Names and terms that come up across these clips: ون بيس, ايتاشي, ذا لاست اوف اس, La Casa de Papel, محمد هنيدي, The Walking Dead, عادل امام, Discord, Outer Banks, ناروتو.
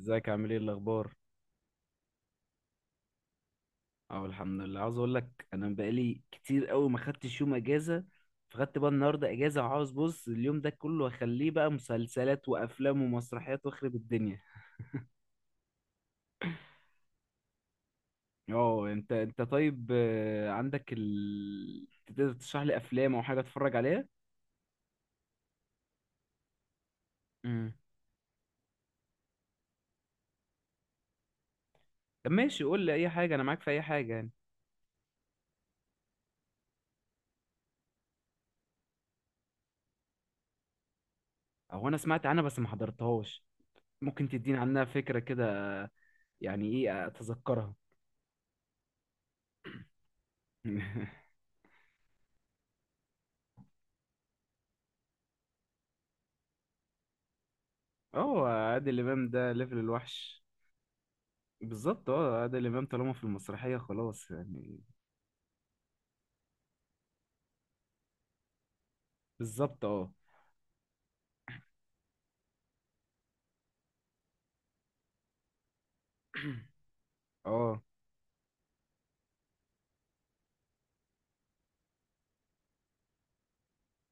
ازيك عامل ايه الاخبار؟ اه، الحمد لله. عاوز اقول لك انا بقالي كتير قوي ما خدتش يوم اجازه، فخدت بقى النهارده اجازه وعاوز بص اليوم ده كله اخليه بقى مسلسلات وافلام ومسرحيات واخرب الدنيا. اه انت طيب. عندك تقدر تشرح لي افلام او حاجه اتفرج عليها؟ امم. طب ماشي، قول لي اي حاجه، انا معاك في اي حاجه يعني. او انا سمعت عنها بس ما حضرتهاش. ممكن تديني عنها فكره كده؟ آه. يعني ايه اتذكرها. اه، عادل امام ده ليفل الوحش. بالظبط، اه. عادل امام طالما في المسرحيه خلاص يعني. بالظبط اه. اه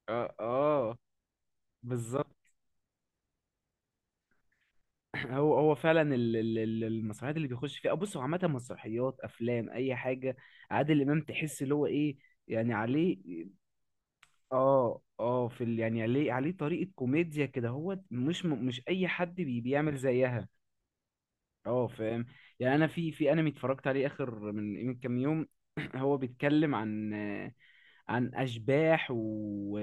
اه اه بالظبط. هو فعلا المسرحيات اللي بيخش فيها، بص هو عامه مسرحيات، افلام، اي حاجه. عادل امام تحس اللي هو ايه يعني عليه. اه اه، يعني عليه طريقه كوميديا كده، هو مش اي حد بيعمل زيها. اه، فاهم. يعني انا في انمي اتفرجت عليه اخر من كام يوم. هو بيتكلم عن اشباح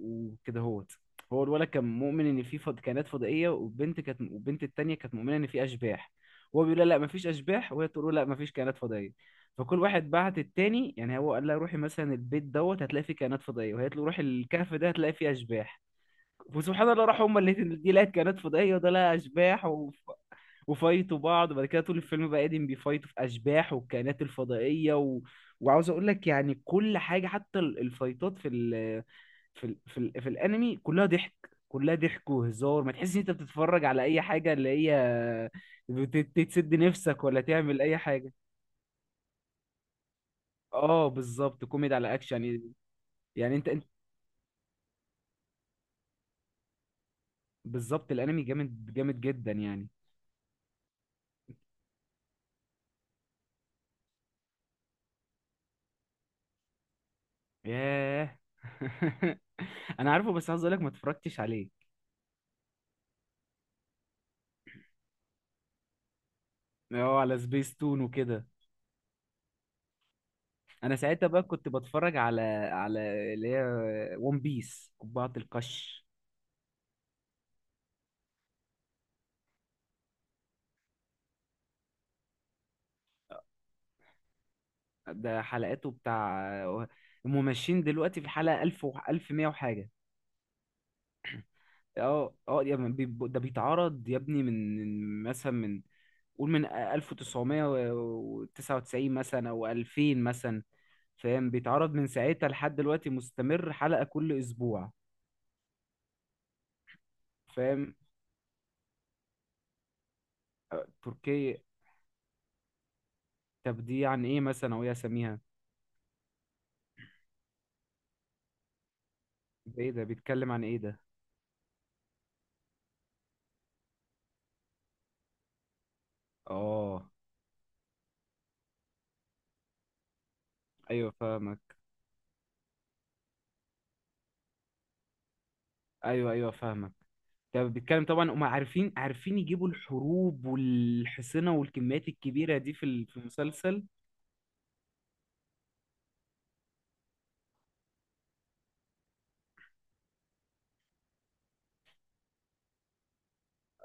وكده هوت. هو الولد كان مؤمن ان في كائنات فضائيه، والبنت التانيه كانت مؤمنه ان في اشباح. هو بيقول لها لا مفيش اشباح، وهي تقول له لا مفيش كائنات فضائيه. فكل واحد بعت التاني، يعني هو قال لها روحي مثلا البيت دوت هتلاقي فيه كائنات فضائيه، وهي تقول له روحي الكهف ده هتلاقي فيه اشباح. وسبحان الله، راحوا هما الاتنين، دي لقت كائنات فضائيه وده لقى اشباح، و... وفايتوا بعض. وبعد كده طول الفيلم بقى قاعدين بيفايتوا في اشباح والكائنات الفضائيه. و... وعاوز اقول لك يعني كل حاجه حتى الفايتات في الانمي كلها ضحك. كلها ضحك وهزار، ما تحس ان انت بتتفرج على اي حاجه اللي هي تسد نفسك ولا تعمل اي حاجه. اه بالظبط، كوميدي على اكشن يعني. يعني انت بالظبط. الانمي جامد جامد جدا يعني. ياه. انا عارفه بس عاوز اقول لك ما اتفرجتش عليه. اه، على سبيس تون وكده. انا ساعتها بقى كنت بتفرج على على اللي هي ون بيس قبعة القش. ده حلقاته بتاع، هم ماشيين دلوقتي في الحلقة 1000 و 1100 وحاجة. اه اه يا ابني، ده بيتعرض يا ابني، من مثلا من قول من 1999 مثلا او 2000 مثلا. فاهم، بيتعرض من ساعتها لحد دلوقتي مستمر، حلقة كل اسبوع. فاهم. تركيا. طب دي عن ايه مثلا، او ايه اساميها؟ ده ايه ده، بيتكلم عن ايه ده؟ اه. ايوه فاهمك. ايوه ايوه فاهمك. ده بيتكلم طبعا، هم عارفين عارفين يجيبوا الحروب والحصنة والكميات الكبيرة دي في المسلسل.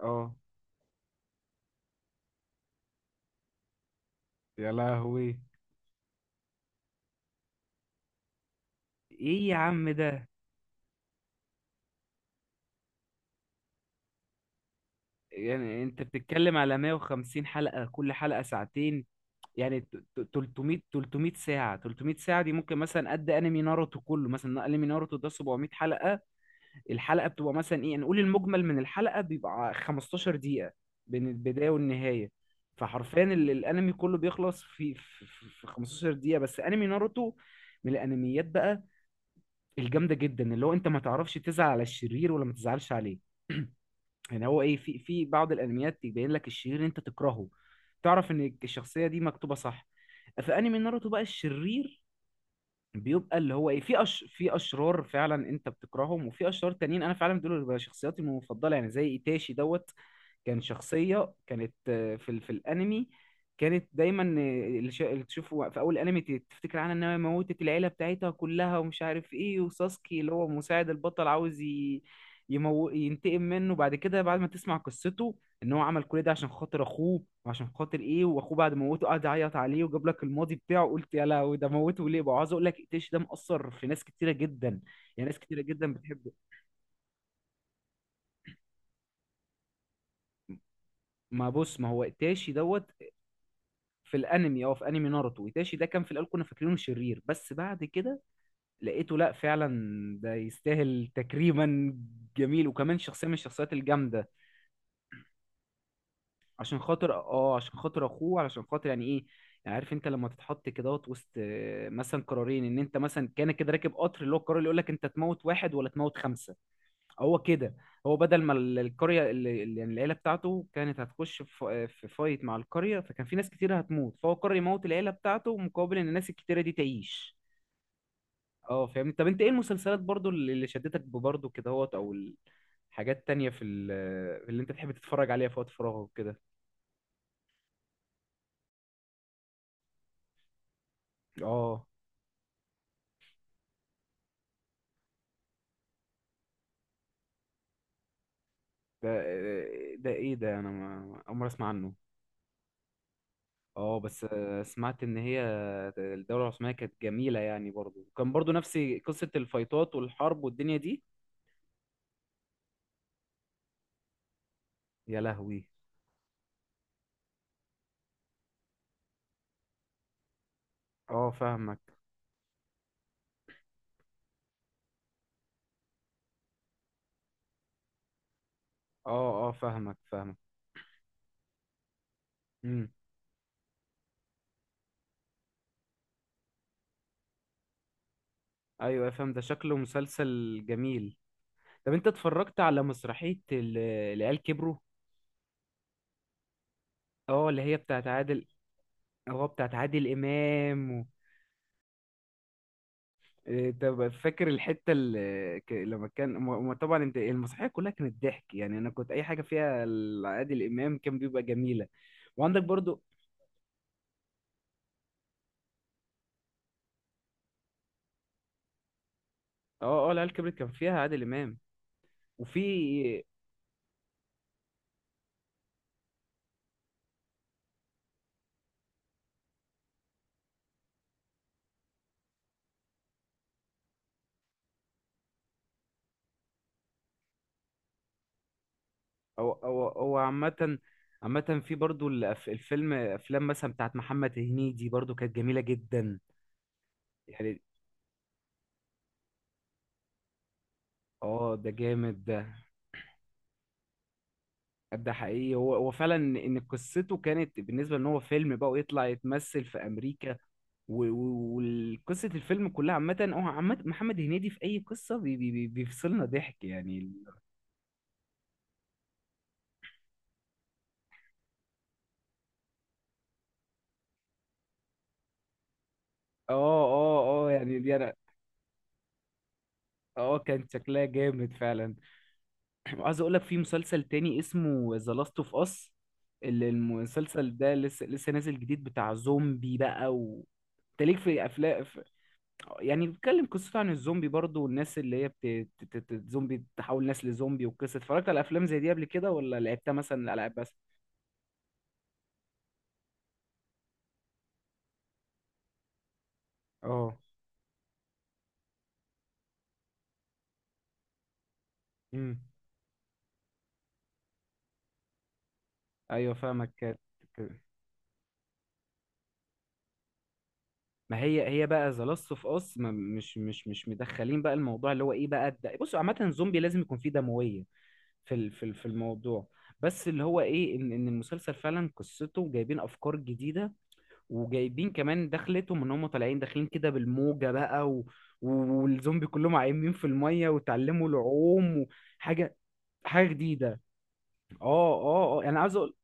اه. يا لهوي. ايه يا عم ده. يعني انت بتتكلم على 150 حلقة كل حلقة ساعتين. يعني 300 300 ساعة، 300 ساعة دي ممكن مثلا قد انمي ناروتو كله، مثلا انمي ناروتو ده 700 حلقة. الحلقة بتبقى مثلا ايه، نقول المجمل من الحلقة بيبقى 15 دقيقة بين البداية والنهاية. فحرفيا الانمي كله بيخلص في 15 دقيقة بس. انمي ناروتو من الانميات بقى الجامدة جدا، اللي هو انت ما تعرفش تزعل على الشرير ولا ما تزعلش عليه. يعني هو ايه، في بعض الانميات يبين لك الشرير اللي انت تكرهه، تعرف ان الشخصية دي مكتوبة صح. في انمي ناروتو بقى الشرير بيبقى اللي هو ايه، في اشرار فعلا انت بتكرههم، وفي اشرار تانيين انا فعلا دول بيبقى شخصياتي المفضله، يعني زي ايتاشي دوت. كان شخصية، كانت في الانمي كانت دايما، اللي اللي تشوفه في اول انمي تفتكر عنها انها موتت العيلة بتاعتها كلها، ومش عارف ايه. وساسكي اللي هو مساعد البطل عاوز ينتقم منه. بعد كده بعد ما تسمع قصته، ان هو عمل كل ده عشان خاطر اخوه، وعشان خاطر ايه، واخوه بعد ما موته قعد يعيط عليه وجاب لك الماضي بتاعه، قلت يا لهوي ده موته ليه بقى. عاوز اقول لك، ايتاشي ده مأثر في ناس كتيرة جدا. يعني ناس كتيرة جدا بتحبه. ما بص، ما هو ايتاشي دوت في الانمي. اه، في انمي ناروتو ايتاشي ده كان في الاول كنا فاكرينه شرير، بس بعد كده لقيته لا فعلا ده يستاهل تكريما، جميل، وكمان شخصيه من الشخصيات الجامده. عشان خاطر عشان خاطر اخوه، علشان خاطر يعني ايه، يعني عارف انت لما تتحط كده وسط مثلا قرارين، ان انت مثلا كان كده راكب قطر اللي هو القرار اللي يقول لك انت تموت واحد ولا تموت خمسه. هو كده. هو بدل ما القرية يعني العيلة بتاعته كانت هتخش في فايت مع القرية، فكان في ناس كتير هتموت، فهو قرر يموت العيلة بتاعته مقابل ان الناس الكتيرة دي تعيش. اه فاهم. طب انت ايه المسلسلات برضو اللي شدتك برضو كده هوت، او الحاجات تانية اللي انت تحب تتفرج عليها في وقت فراغك كده؟ اه. ده ده ايه ده، انا ما اول مرة اسمع عنه. اه بس سمعت ان هي الدولة العثمانية كانت جميلة يعني، برضو كان برضو نفس قصة الفايتات والحرب والدنيا دي. يا لهوي. اه فاهمك. اه اه فاهمك فاهمك. امم. ايوه فاهم، ده شكله مسلسل جميل. طب انت اتفرجت على مسرحية العيال كبروا؟ اه اللي هي بتاعت عادل. اه بتاعت عادل امام. و... إيه، طب فاكر الحتة اللي ك- لما كان م- م- طبعا انت المسرحية كلها كانت ضحك، يعني انا كنت اي حاجة فيها عادل امام كان بيبقى جميلة. وعندك برضو. اه اه، العيال كبرت كان فيها عادل امام. وفي. او عامة، عامة في برضو الفيلم، افلام مثلا بتاعت محمد هنيدي برضو كانت جميلة جدا يعني. اه ده جامد ده. ده حقيقي، هو فعلا ان قصته كانت بالنسبة ان هو فيلم بقى، ويطلع يتمثل في امريكا. و- و- وقصة الفيلم كلها عامة، هو عامة محمد هنيدي في اي قصة بيفصلنا ضحك يعني. اه اه اه، يعني دي اه كان شكلها جامد فعلا. وعايز اقول لك في مسلسل تاني اسمه ذا لاست اوف اس. المسلسل ده لسه نازل جديد بتاع زومبي بقى. انت ليك في افلام يعني بيتكلم قصته عن الزومبي برضو، والناس اللي هي زومبي تحول ناس لزومبي. والقصه اتفرجت على افلام زي دي قبل كده، ولا لعبتها مثلا الالعاب بس؟ اه. امم. ايوه فاهمك. كانت- ما هي هي بقى ذا لاست اوف اس مش مدخلين بقى الموضوع اللي هو ايه بقى ده. بصوا عامه الزومبي لازم يكون فيه دمويه في الموضوع. بس اللي هو ايه، ان المسلسل فعلا قصته جايبين افكار جديده، وجايبين كمان دخلتهم ان هم طالعين داخلين كده بالموجه بقى. و- والزومبي كلهم عايمين في الميه وتعلموا العوم، وحاجه، حاجه جديده. اه اه اه، انا عايز اقول،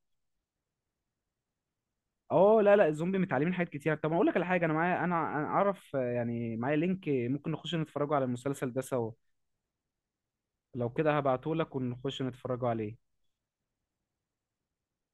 اه لا لا، الزومبي متعلمين حاجات كتير. طب اقول لك على حاجه، انا معايا، انا اعرف يعني معايا لينك ممكن نخش نتفرجوا على المسلسل ده سوا. لو كده هبعته لك ونخش نتفرجوا عليه.